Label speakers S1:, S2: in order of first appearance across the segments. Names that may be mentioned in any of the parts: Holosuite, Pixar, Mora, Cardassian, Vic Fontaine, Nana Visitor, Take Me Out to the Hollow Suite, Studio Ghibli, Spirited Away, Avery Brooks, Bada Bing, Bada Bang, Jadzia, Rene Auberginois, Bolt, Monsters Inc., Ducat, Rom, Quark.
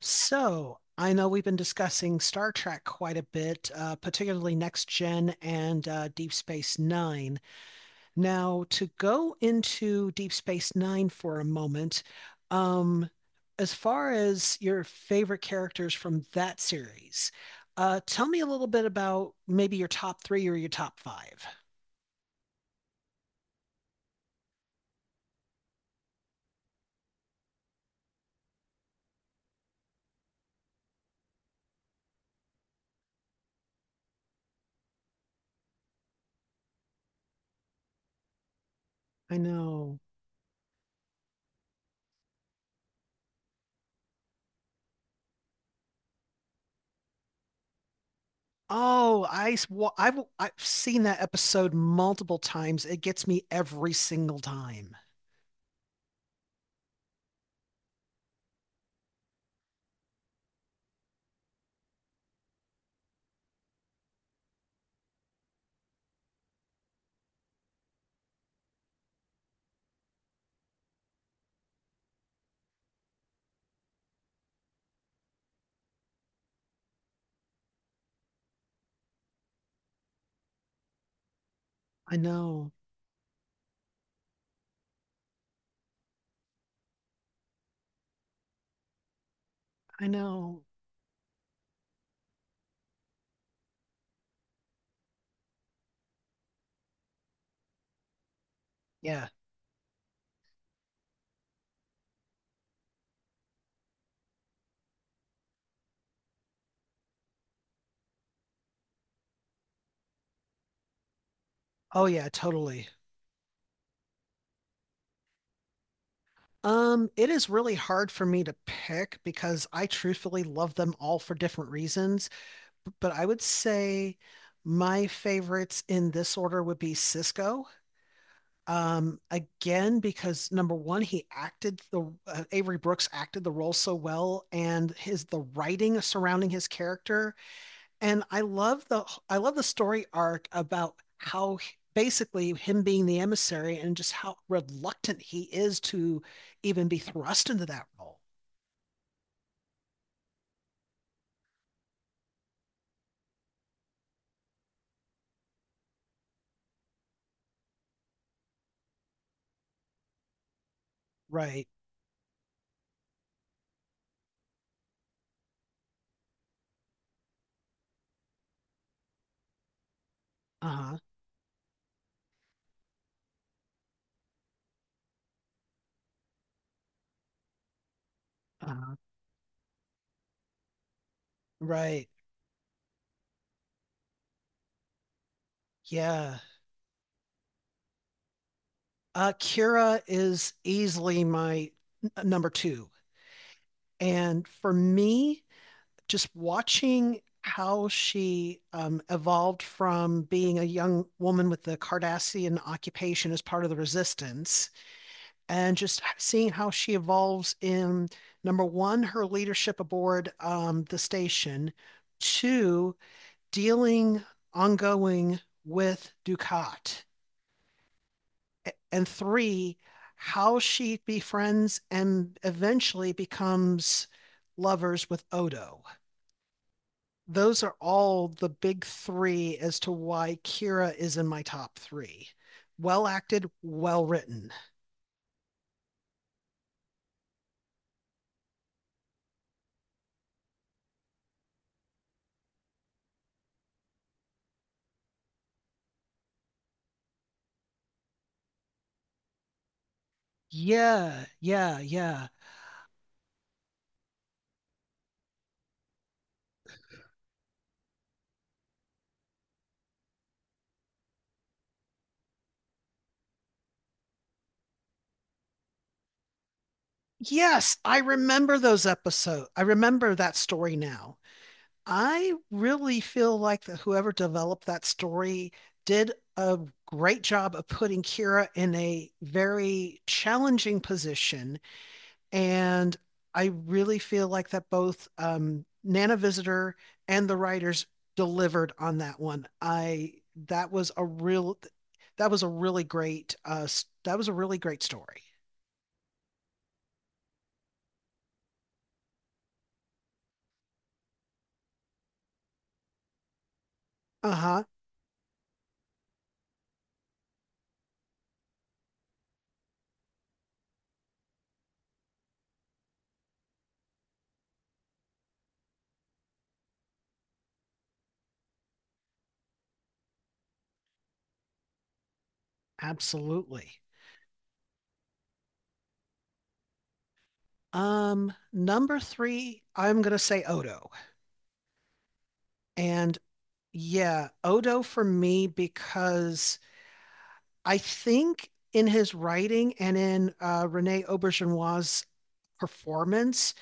S1: So, I know we've been discussing Star Trek quite a bit, particularly Next Gen and Deep Space Nine. Now, to go into Deep Space Nine for a moment, um, as far as your favorite characters from that series, tell me a little bit about maybe your top three or your top five. I know. Oh, I, s- wa- I've seen that episode multiple times. It gets me every single time. I know. I know. Yeah. Oh yeah, totally. It is really hard for me to pick because I truthfully love them all for different reasons. But I would say my favorites in this order would be Cisco. Again, because number one, he acted the Avery Brooks acted the role so well, and his the writing surrounding his character, and I love the story arc about how basically him being the emissary and just how reluctant he is to even be thrust into that role. Right. Uh-huh. Uh-huh. Right. Yeah. Kira is easily my number two. And for me, just watching how she evolved from being a young woman with the Cardassian occupation as part of the resistance, and just seeing how she evolves in number one, her leadership aboard the station, two, dealing ongoing with Ducat, and three, how she befriends and eventually becomes lovers with Odo. Those are all the big three as to why Kira is in my top three. Well acted, well written. Yeah, yeah, yeah. Yes, I remember those episodes. I remember that story now. I really feel like that whoever developed that story did a great job of putting Kira in a very challenging position. And I really feel like that both Nana Visitor and the writers delivered on that one. I that was a real that was a really great uh that was a really great story. Uh-huh. Absolutely. Number three, I'm gonna say Odo. And yeah, Odo for me because I think in his writing and in Rene Auberginois' performance,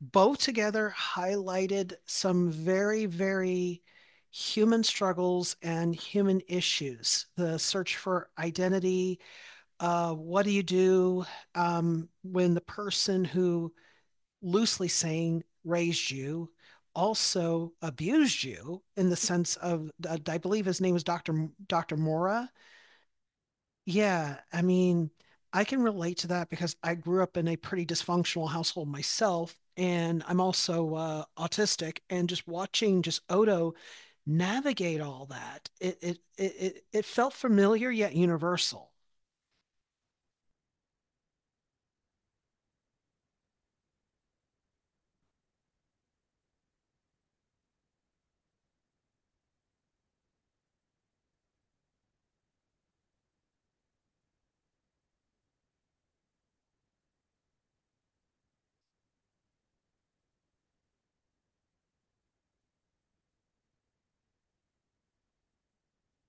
S1: both together highlighted some very, very human struggles and human issues. The search for identity, what do you do when the person who, loosely saying, raised you, also abused you, in the sense of I believe his name was Dr. Mora. Yeah, I mean, I can relate to that because I grew up in a pretty dysfunctional household myself, and I'm also autistic. And just watching just Odo navigate all that, it felt familiar yet universal.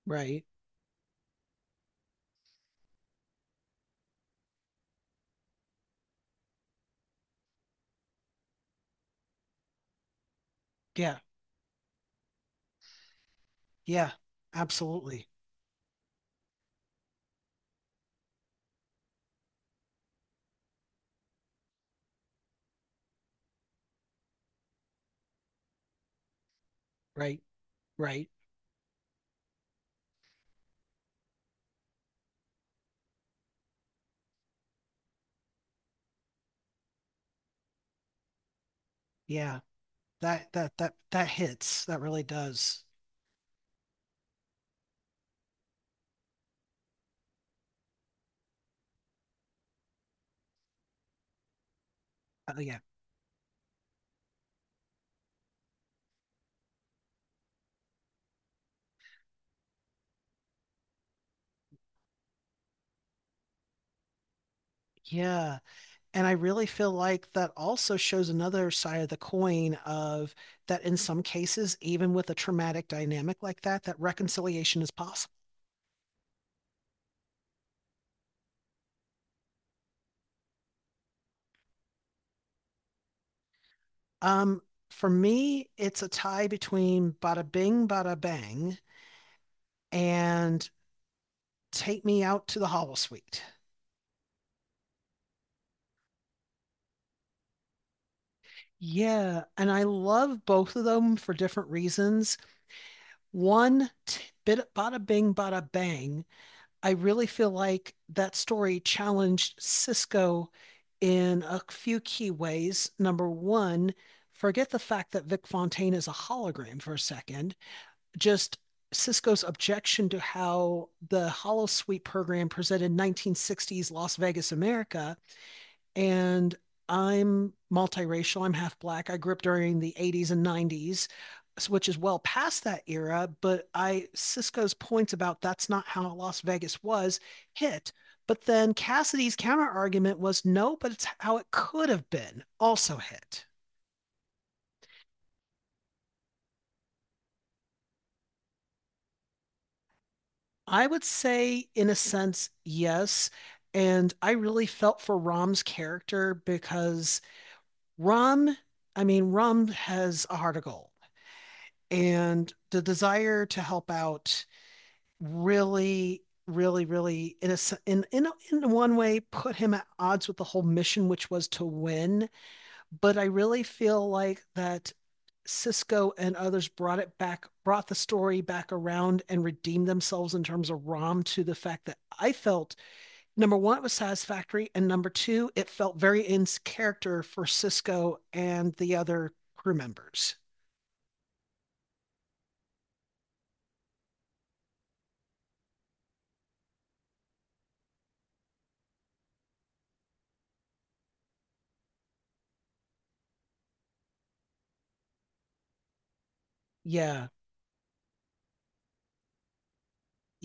S1: Right. Yeah. Yeah. Absolutely. Right. Right. Yeah. That hits. That really does. Oh yeah. Yeah. And I really feel like that also shows another side of the coin of that in some cases, even with a traumatic dynamic like that, that reconciliation is possible. Um, for me, it's a tie between Bada Bing, Bada Bang and Take Me Out to the Hollow Suite. Yeah, and I love both of them for different reasons. One, t- bit Bada Bing, Bada Bang, I really feel like that story challenged Cisco in a few key ways. Number one, forget the fact that Vic Fontaine is a hologram for a second. Just Cisco's objection to how the Holosuite program presented 1960s Las Vegas, America. And I'm multiracial. I'm half black. I grew up during the 80s and 90s, which is well past that era. But I, Cisco's points about that's not how Las Vegas was, hit. But then Cassidy's counter argument was no, but it's how it could have been, also hit. I would say, in a sense, yes. And I really felt for Rom's character because Rom, I mean, Rom has a heart of gold, and the desire to help out really, really, in a in in one way put him at odds with the whole mission, which was to win. But I really feel like that Cisco and others brought it back, brought the story back around and redeemed themselves in terms of Rom, to the fact that I felt, number one, it was satisfactory, and number two, it felt very in character for Cisco and the other crew members. Yeah.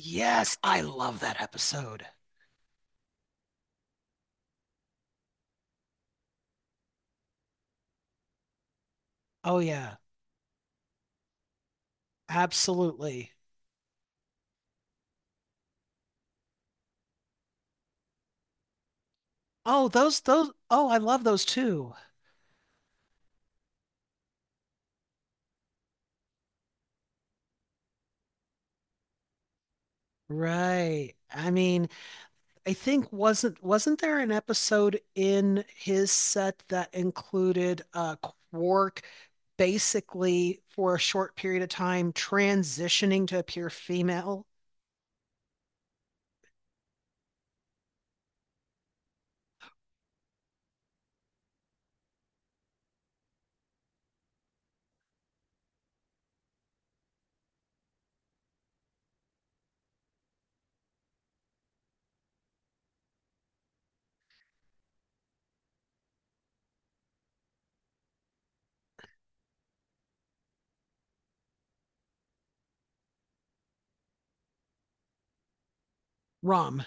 S1: Yes, I love that episode. Oh yeah, absolutely. Oh, those oh, I love those too. Right. I mean, I think wasn't there an episode in his set that included Quark basically for a short period of time transitioning to appear female? Rum.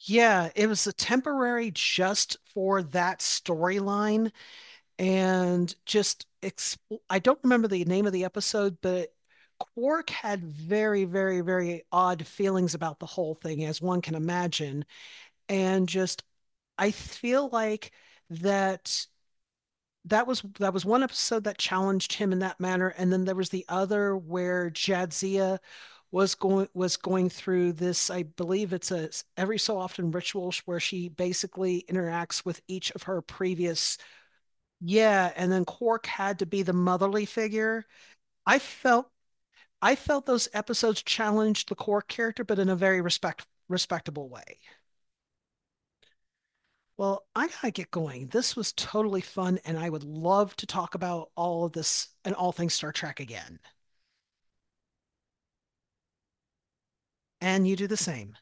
S1: Yeah, it was a temporary just for that storyline and just exp- I don't remember the name of the episode, but Quark had very, very, very odd feelings about the whole thing, as one can imagine. And just I feel like that that was one episode that challenged him in that manner, and then there was the other where Jadzia was going through this, I believe it's a, every so often, ritual where she basically interacts with each of her previous. Yeah, and then Quark had to be the motherly figure. I felt, I felt those episodes challenged the Quark character, but in a very respectable way. Well, I gotta get going. This was totally fun, and I would love to talk about all of this and all things Star Trek again. And you do the same.